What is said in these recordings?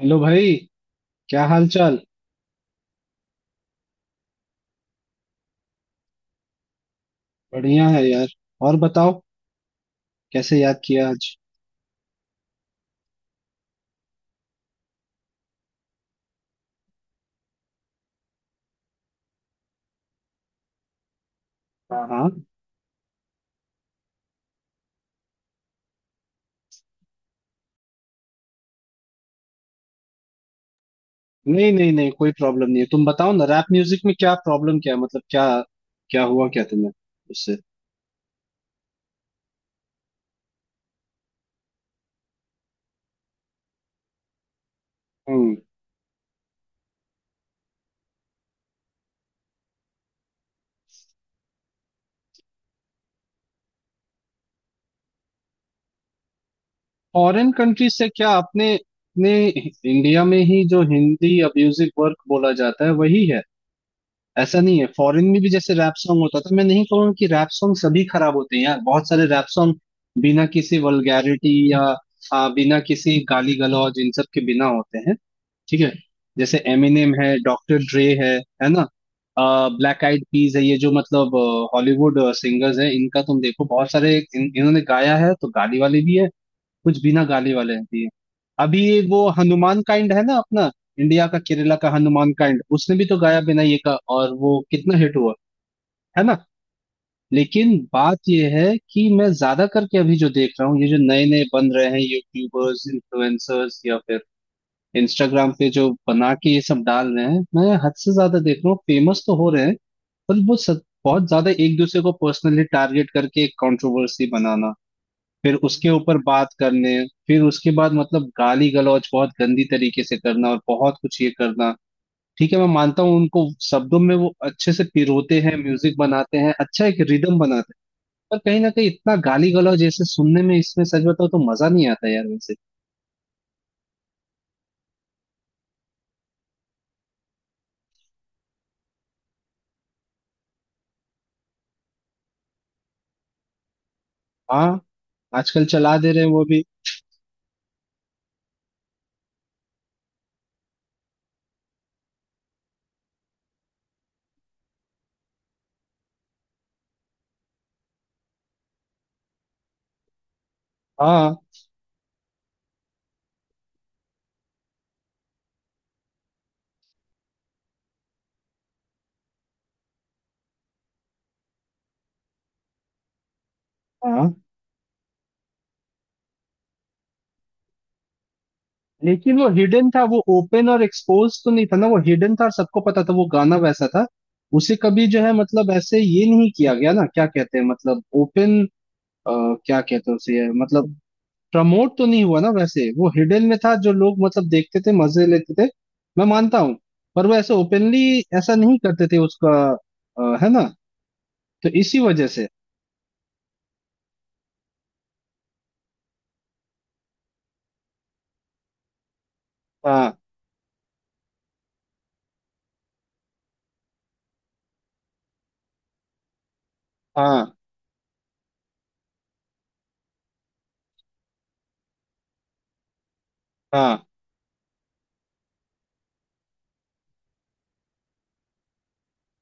Hello भाई। क्या हाल चाल। बढ़िया है यार। और बताओ। कैसे याद किया आज। हाँ हाँ। नहीं नहीं नहीं, कोई प्रॉब्लम नहीं है। तुम बताओ ना, रैप म्यूजिक में क्या प्रॉब्लम क्या है? मतलब क्या क्या हुआ, क्या तुम्हें उससे। हम्म। फॉरेन कंट्री से क्या, अपने अपने इंडिया में ही जो हिंदी म्यूजिक वर्क बोला जाता है वही है। ऐसा नहीं है, फॉरेन में भी जैसे रैप सॉन्ग होता था। मैं नहीं कहूंगा कि रैप सॉन्ग सभी खराब होते हैं यार। बहुत सारे रैप सॉन्ग बिना किसी वल्गैरिटी या बिना किसी गाली गलौज, इन सब के बिना होते हैं। ठीक है। जैसे एमिनेम है, डॉक्टर ड्रे है। है ना। ब्लैक आइड पीज है, ये जो मतलब हॉलीवुड सिंगर्स हैं। इनका तुम देखो, बहुत सारे इन्होंने गाया है, तो गाली वाले भी है, कुछ बिना गाली वाले रहती है। अभी ये वो हनुमान काइंड है ना अपना, इंडिया का केरला का हनुमान काइंड, उसने भी तो गाया बिना ये का, और वो कितना हिट हुआ। है ना। लेकिन बात ये है कि मैं ज्यादा करके अभी जो देख रहा हूँ, ये जो नए नए बन रहे हैं यूट्यूबर्स इन्फ्लुएंसर्स या फिर इंस्टाग्राम पे जो बना के ये सब डाल रहे हैं, मैं हद से ज्यादा देख रहा हूँ। फेमस तो हो रहे हैं, पर वो सब बहुत ज्यादा एक दूसरे को पर्सनली टारगेट करके एक कंट्रोवर्सी बनाना, फिर उसके ऊपर बात करने, फिर उसके बाद मतलब गाली गलौज बहुत गंदी तरीके से करना, और बहुत कुछ ये करना। ठीक है, मैं मानता हूँ उनको शब्दों में वो अच्छे से पिरोते हैं, म्यूजिक बनाते हैं, अच्छा एक रिदम बनाते हैं, पर कहीं ना कहीं इतना गाली गलौज जैसे सुनने में, इसमें सच बताओ तो मजा नहीं आता यार वैसे। हाँ। आजकल चला दे रहे हैं वो भी। हाँ हाँ, लेकिन वो हिडन था, वो ओपन और एक्सपोज तो नहीं था ना। वो हिडन था, और सबको पता था वो गाना वैसा था। उसे कभी जो है मतलब ऐसे ये नहीं किया गया ना, क्या कहते हैं मतलब ओपन। अ, क्या कहते हैं उसे यार मतलब। प्रमोट तो नहीं हुआ ना, वैसे वो हिडन में था। जो लोग मतलब देखते थे, मजे लेते थे, मैं मानता हूँ। पर वो ऐसे ओपनली ऐसा नहीं करते थे उसका। है ना। तो इसी वजह से। हाँ हाँ हाँ।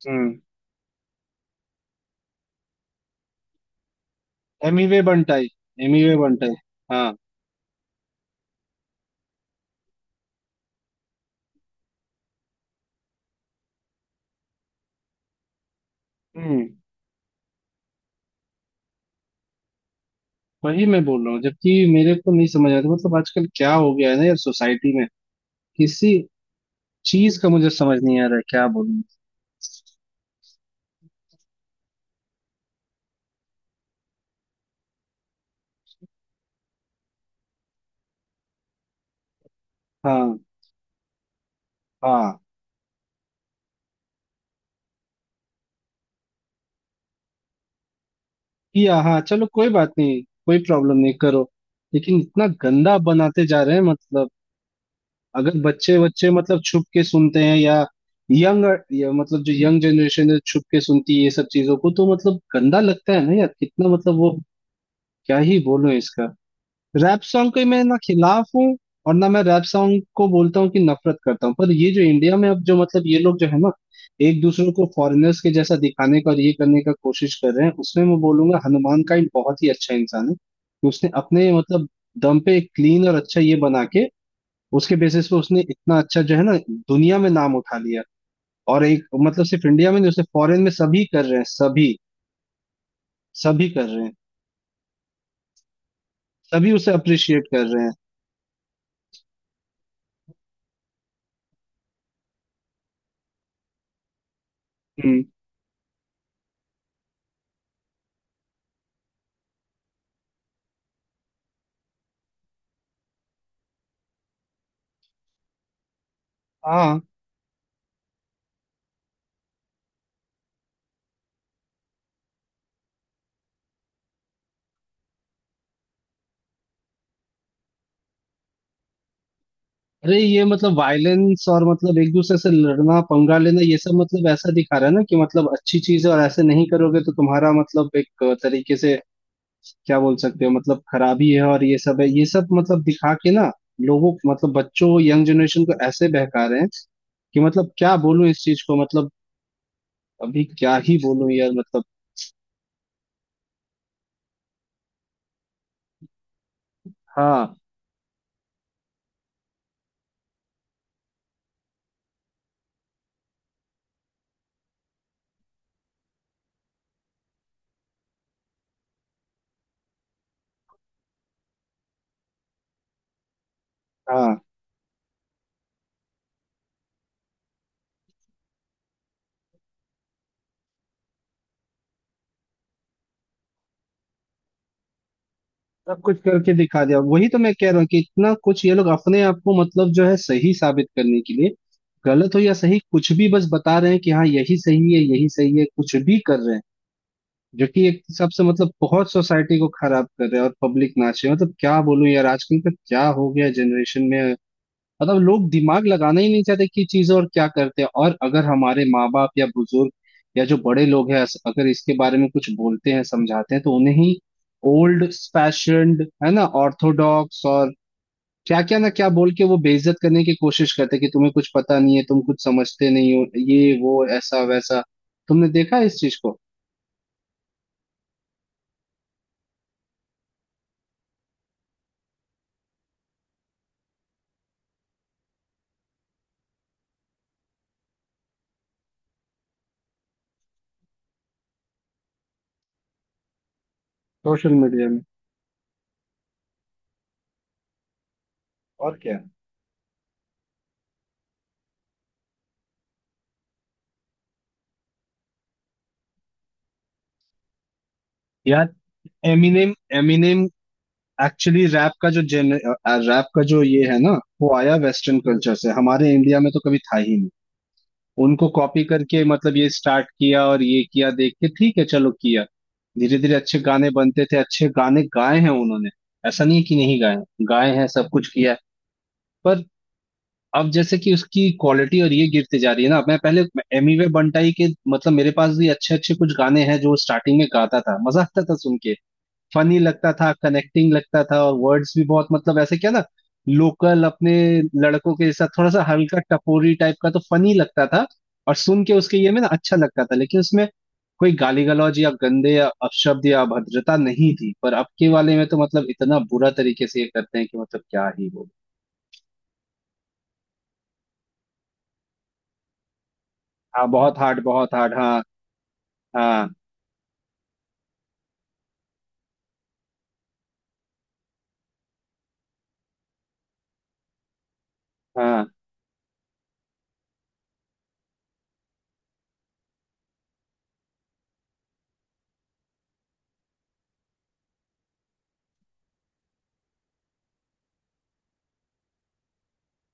हम्म। एमिवे बंटाई, एमिवे बंटाई। हाँ। हम्म। वही मैं बोल रहा हूँ, जबकि मेरे को नहीं समझ आता। मतलब आजकल क्या हो गया है ना यार सोसाइटी में। किसी चीज का मुझे समझ नहीं आ रहा है, क्या बोलूं। हाँ हाँ। किया, हाँ चलो कोई बात नहीं, कोई प्रॉब्लम नहीं, करो। लेकिन इतना गंदा बनाते जा रहे हैं मतलब। अगर बच्चे बच्चे मतलब छुप के सुनते हैं या यंग, या मतलब जो यंग जनरेशन है छुप के सुनती है ये सब चीजों को, तो मतलब गंदा लगता है ना यार, कितना मतलब वो, क्या ही बोलूं इसका। रैप सॉन्ग के मैं ना खिलाफ हूँ, और ना मैं रैप सॉन्ग को बोलता हूँ कि नफरत करता हूँ, पर ये जो इंडिया में अब जो मतलब ये लोग जो है ना, एक दूसरे को फॉरेनर्स के जैसा दिखाने का और ये करने का कोशिश कर रहे हैं, उसमें मैं बोलूंगा हनुमान काइंड बहुत ही अच्छा इंसान है कि उसने अपने मतलब दम पे एक क्लीन और अच्छा ये बना के, उसके बेसिस पे उसने इतना अच्छा जो है ना दुनिया में नाम उठा लिया। और एक मतलब सिर्फ इंडिया में नहीं, उसे फॉरेन में सभी कर रहे हैं, सभी सभी कर रहे हैं, सभी उसे अप्रिशिएट कर रहे हैं। हम्म। हाँ। अरे ये मतलब वायलेंस और मतलब एक दूसरे से लड़ना पंगा लेना, ये सब मतलब ऐसा दिखा रहा है ना कि मतलब अच्छी चीज है, और ऐसे नहीं करोगे तो तुम्हारा मतलब एक तरीके से क्या बोल सकते हो मतलब खराबी है, और ये सब है, ये सब मतलब दिखा के ना लोगों मतलब बच्चों, यंग जनरेशन को ऐसे बहका रहे हैं कि मतलब क्या बोलूं इस चीज को मतलब, अभी क्या ही बोलूं यार मतलब। हाँ हाँ। सब कुछ करके दिखा दिया, वही तो मैं कह रहा हूँ कि इतना कुछ ये लोग अपने आप को मतलब जो है सही साबित करने के लिए, गलत हो या सही कुछ भी, बस बता रहे हैं कि हाँ यही सही है यही सही है, कुछ भी कर रहे हैं। जो कि एक हिसाब से मतलब बहुत सोसाइटी को खराब कर रहे हैं, और पब्लिक नाच रही है, मतलब क्या बोलूं यार, आजकल का क्या हो गया जनरेशन में। मतलब लोग दिमाग लगाना ही नहीं चाहते कि चीज और क्या करते हैं। और अगर हमारे माँ बाप या बुजुर्ग या जो बड़े लोग हैं अगर इसके बारे में कुछ बोलते हैं, समझाते हैं, तो उन्हें ही ओल्ड फैशन्ड है ना, ऑर्थोडॉक्स और क्या क्या ना क्या बोल के वो बेइज्जत करने की कोशिश करते हैं कि तुम्हें कुछ पता नहीं है, तुम कुछ समझते नहीं हो, ये वो ऐसा वैसा। तुमने देखा है इस चीज को सोशल मीडिया में, और क्या। यार एमिनेम, एमिनेम एक्चुअली रैप का जो, जेन रैप का जो ये है ना, वो आया वेस्टर्न कल्चर से, हमारे इंडिया में तो कभी था ही नहीं। उनको कॉपी करके मतलब ये स्टार्ट किया, और ये किया देख के, ठीक है चलो किया। धीरे धीरे अच्छे गाने बनते थे, अच्छे गाने गाए हैं उन्होंने। ऐसा नहीं है कि नहीं गाए हैं। गाए हैं, सब कुछ किया है। पर अब जैसे कि उसकी क्वालिटी और ये गिरती जा रही है ना। मैं पहले एमिवे बंटाई के मतलब, मेरे पास भी अच्छे अच्छे कुछ गाने हैं जो स्टार्टिंग में गाता था, मजा आता था सुन के, फनी लगता था, कनेक्टिंग लगता था, और वर्ड्स भी बहुत मतलब ऐसे क्या ना, लोकल अपने लड़कों के साथ थोड़ा सा हल्का टपोरी टाइप का, तो फनी लगता था। और सुन के उसके ये में ना अच्छा लगता था, लेकिन उसमें कोई गाली गलौज या गंदे या अपशब्द या अभद्रता नहीं थी। पर अब के वाले में तो मतलब इतना बुरा तरीके से ये करते हैं कि मतलब क्या ही बोलूं। हाँ बहुत हार्ड, बहुत हार्ड, हाँ। हाँ हाँ।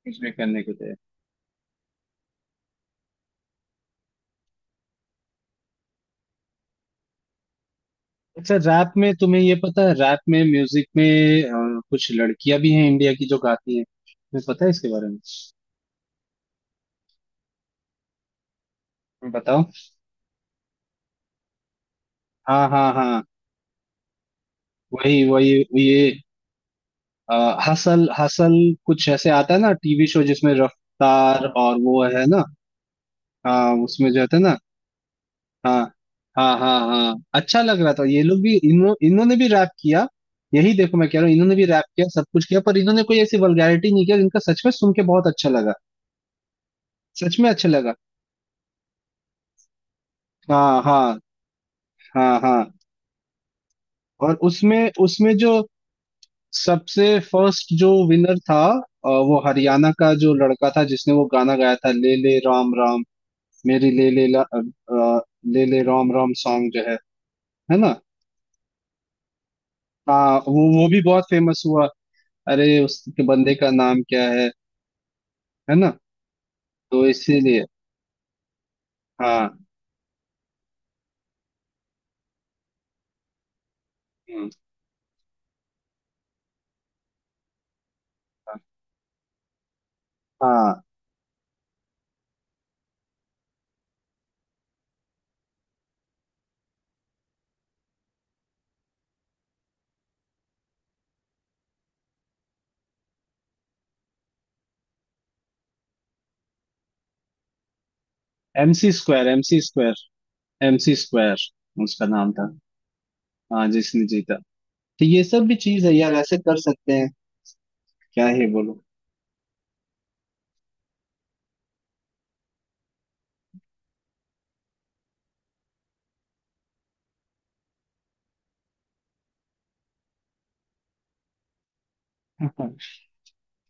कुछ भी करने को तैयार। अच्छा, रात में तुम्हें ये पता है, रात में म्यूजिक में कुछ लड़कियां भी हैं इंडिया की जो गाती हैं, तुम्हें पता है इसके बारे में। बताओ। हाँ हाँ हाँ। वही वही। ये अ, हसल हसल कुछ ऐसे आता है ना टीवी शो, जिसमें रफ्तार और वो है ना। हाँ, उसमें जो होता है ना। हाँ हाँ हाँ हाँ, अच्छा लग रहा था। ये लोग भी इन्होंने भी रैप किया। यही देखो मैं कह रहा हूँ, इन्होंने भी रैप किया, सब कुछ किया, पर इन्होंने कोई ऐसी वल्गैरिटी नहीं किया, जिनका सच में सुन के बहुत अच्छा लगा, सच में अच्छा लगा। हाँ हाँ हाँ हाँ। और उसमें उसमें जो सबसे फर्स्ट जो विनर था, वो हरियाणा का जो लड़का था जिसने वो गाना गाया था, ले ले राम राम, मेरी ले ले अ, ले ले राम राम सॉन्ग जो है। है ना। हाँ, वो भी बहुत फेमस हुआ। अरे उसके बंदे का नाम क्या है। है ना। तो इसीलिए। हाँ। हम्म। हाँ। MC square, MC square, MC square उसका नाम था। हाँ, जिसने जीता। तो ये सब भी चीज है यार, ऐसे कर सकते हैं, क्या ही बोलो।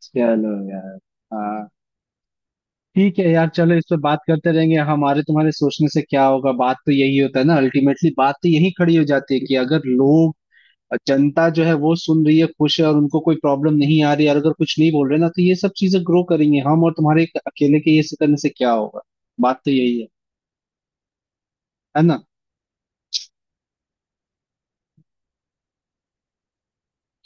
चलो यार। हाँ। ठीक है यार, चलो इस पे बात करते रहेंगे, हमारे तुम्हारे सोचने से क्या होगा, बात तो यही होता है ना। अल्टीमेटली बात तो यही खड़ी हो जाती है कि अगर लोग, जनता जो है वो सुन रही है, खुश है, और उनको कोई प्रॉब्लम नहीं आ रही है, और अगर कुछ नहीं बोल रहे ना, तो ये सब चीजें ग्रो करेंगे, हम और तुम्हारे एक अकेले के ये से करने से क्या होगा, बात तो यही है। है ना।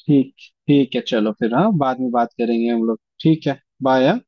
ठीक। ठीक है, चलो फिर, हाँ बाद में बात करेंगे हम लोग, ठीक है, बाय।